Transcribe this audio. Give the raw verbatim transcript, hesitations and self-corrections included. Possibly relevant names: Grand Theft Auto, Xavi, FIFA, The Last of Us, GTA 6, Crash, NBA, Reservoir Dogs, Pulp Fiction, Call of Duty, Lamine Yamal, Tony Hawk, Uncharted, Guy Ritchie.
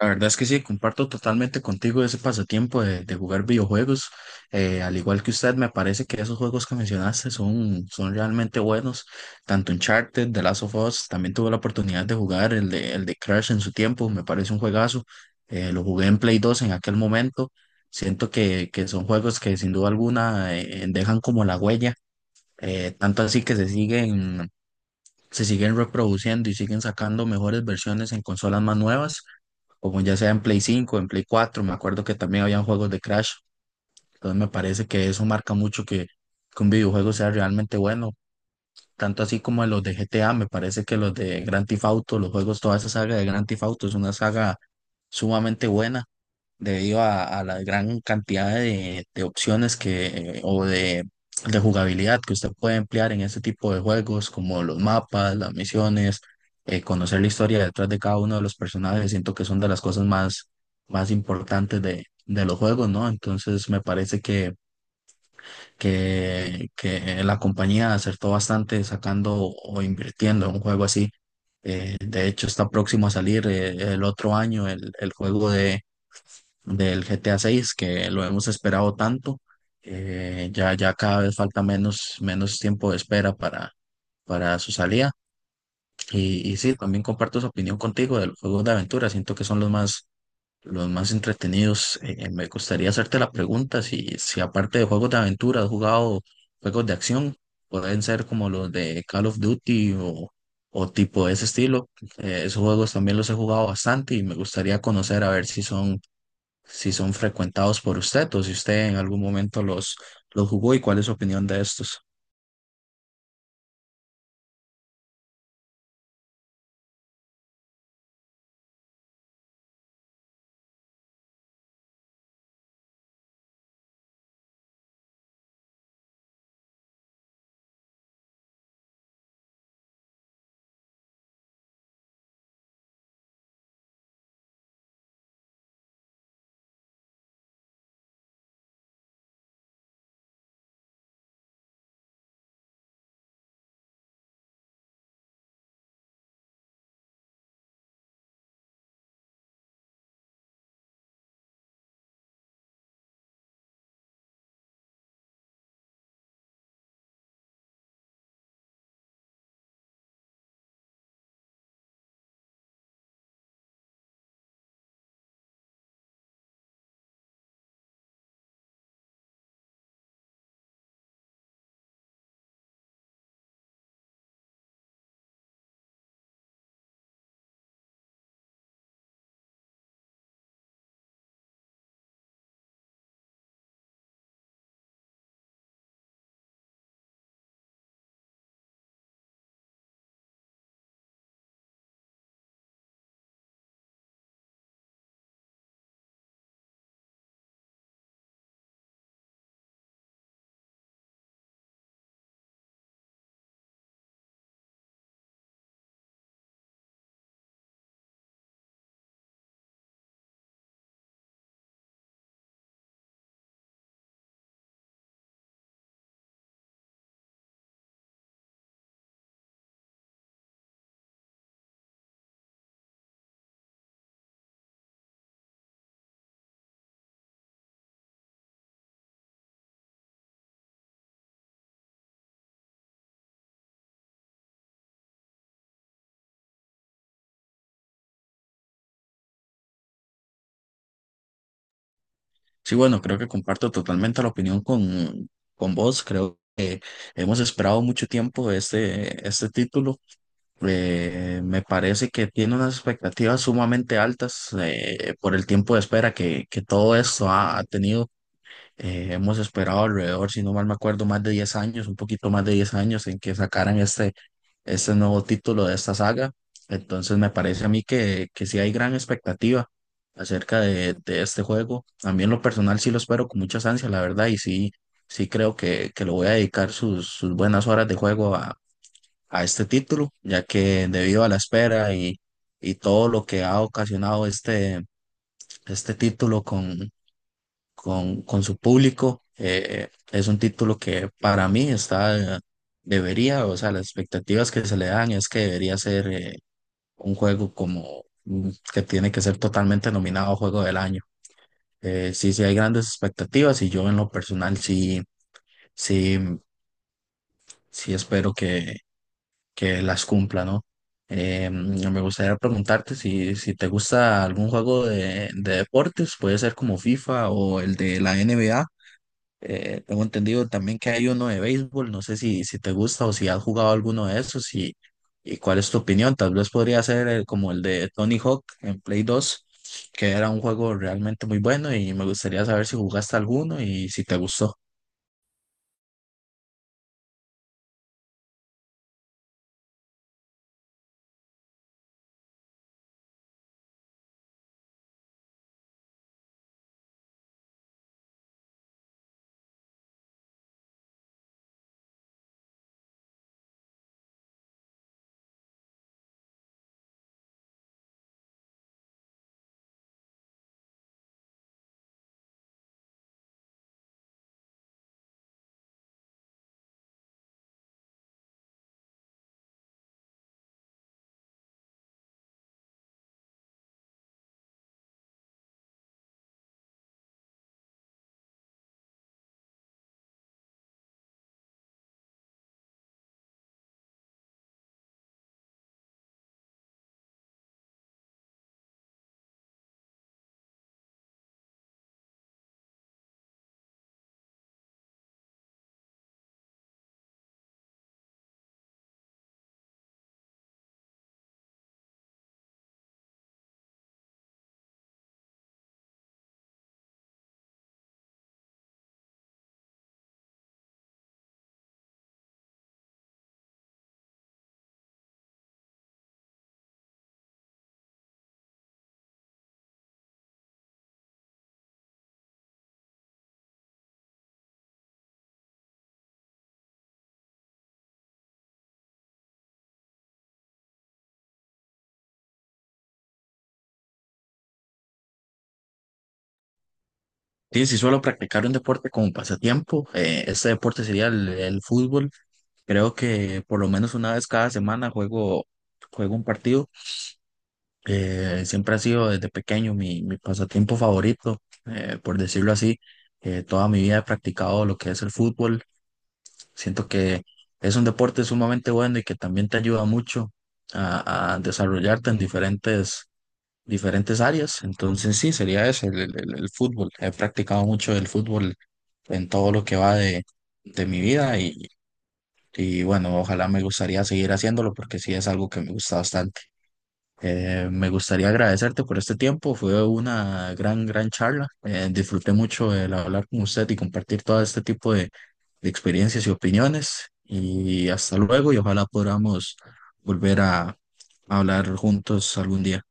La verdad es que sí, comparto totalmente contigo ese pasatiempo de, de jugar videojuegos. Eh, al igual que usted, me parece que esos juegos que mencionaste son, son realmente buenos. Tanto Uncharted, The Last of Us, también tuve la oportunidad de jugar el de, el de Crash en su tiempo, me parece un juegazo. Eh, lo jugué en Play dos en aquel momento. Siento que, que son juegos que sin duda alguna eh, dejan como la huella, eh, tanto así que se siguen, se siguen reproduciendo y siguen sacando mejores versiones en consolas más nuevas, como ya sea en Play cinco, en Play cuatro. Me acuerdo que también habían juegos de Crash, entonces me parece que eso marca mucho que, que un videojuego sea realmente bueno, tanto así como los de G T A. Me parece que los de Grand Theft Auto, los juegos, toda esa saga de Grand Theft Auto es una saga sumamente buena debido a, a la gran cantidad de, de opciones que, eh, o de, de jugabilidad que usted puede emplear en este tipo de juegos, como los mapas, las misiones, eh, conocer la historia detrás de cada uno de los personajes. Siento que son de las cosas más, más importantes de, de los juegos, ¿no? Entonces me parece que, que, que la compañía acertó bastante sacando o invirtiendo en un juego así. Eh, de hecho, está próximo a salir eh, el otro año el, el juego de del G T A seis, que lo hemos esperado tanto. Eh, ya, ya cada vez falta menos, menos tiempo de espera para, para su salida. Y, y sí, también comparto esa opinión contigo de los juegos de aventura. Siento que son los más, los más entretenidos. Eh, eh, me gustaría hacerte la pregunta si, si aparte de juegos de aventura has jugado juegos de acción, pueden ser como los de Call of Duty o, o tipo de ese estilo. Eh, esos juegos también los he jugado bastante y me gustaría conocer a ver si son, si son frecuentados por usted o si usted en algún momento los, los jugó, y cuál es su opinión de estos. Sí, bueno, creo que comparto totalmente la opinión con, con vos. Creo que hemos esperado mucho tiempo este, este título. Eh, me parece que tiene unas expectativas sumamente altas eh, por el tiempo de espera que, que todo esto ha ha tenido. Eh, hemos esperado alrededor, si no mal me acuerdo, más de diez años, un poquito más de diez años, en que sacaran este, este nuevo título de esta saga. Entonces me parece a mí que, que sí hay gran expectativa acerca de, de este juego. A mí en lo personal sí lo espero con muchas ansias, la verdad, y sí, sí creo que, que lo voy a dedicar sus, sus buenas horas de juego a, a este título, ya que debido a la espera y, y todo lo que ha ocasionado este, este título con, con su público. Eh, eh, es un título que para mí está, debería, o sea, las expectativas que se le dan es que debería ser eh, un juego como mm, que tiene que ser totalmente nominado a Juego del Año. Eh, sí, sí hay grandes expectativas y yo en lo personal sí, sí, sí espero que, que las cumpla, ¿no? Eh, mm, me gustaría preguntarte si, si te gusta algún juego de, de deportes, puede ser como FIFA o el de la N B A. Eh, tengo entendido también que hay uno de béisbol, no sé si, si te gusta o si has jugado alguno de esos y, y cuál es tu opinión. Tal vez podría ser el- como el de Tony Hawk en Play dos, que era un juego realmente muy bueno, y me gustaría saber si jugaste alguno y si te gustó. Sí, si suelo practicar un deporte como pasatiempo. Eh, este deporte sería el, el fútbol. Creo que por lo menos una vez cada semana juego, juego un partido. Eh, siempre ha sido desde pequeño mi, mi pasatiempo favorito, eh, por decirlo así. Eh, toda mi vida he practicado lo que es el fútbol. Siento que es un deporte sumamente bueno y que también te ayuda mucho a, a desarrollarte en diferentes, diferentes áreas. Entonces sí, sería ese, el, el- el- el fútbol. He practicado mucho el fútbol en todo lo que va de, de mi vida y, y bueno, ojalá me gustaría seguir haciéndolo porque sí es algo que me gusta bastante. Eh, me gustaría agradecerte por este tiempo. Fue una gran, gran charla. Eh, disfruté mucho el hablar con usted y compartir todo este tipo de, de experiencias y opiniones. Y hasta luego, y ojalá podamos volver a hablar juntos algún día.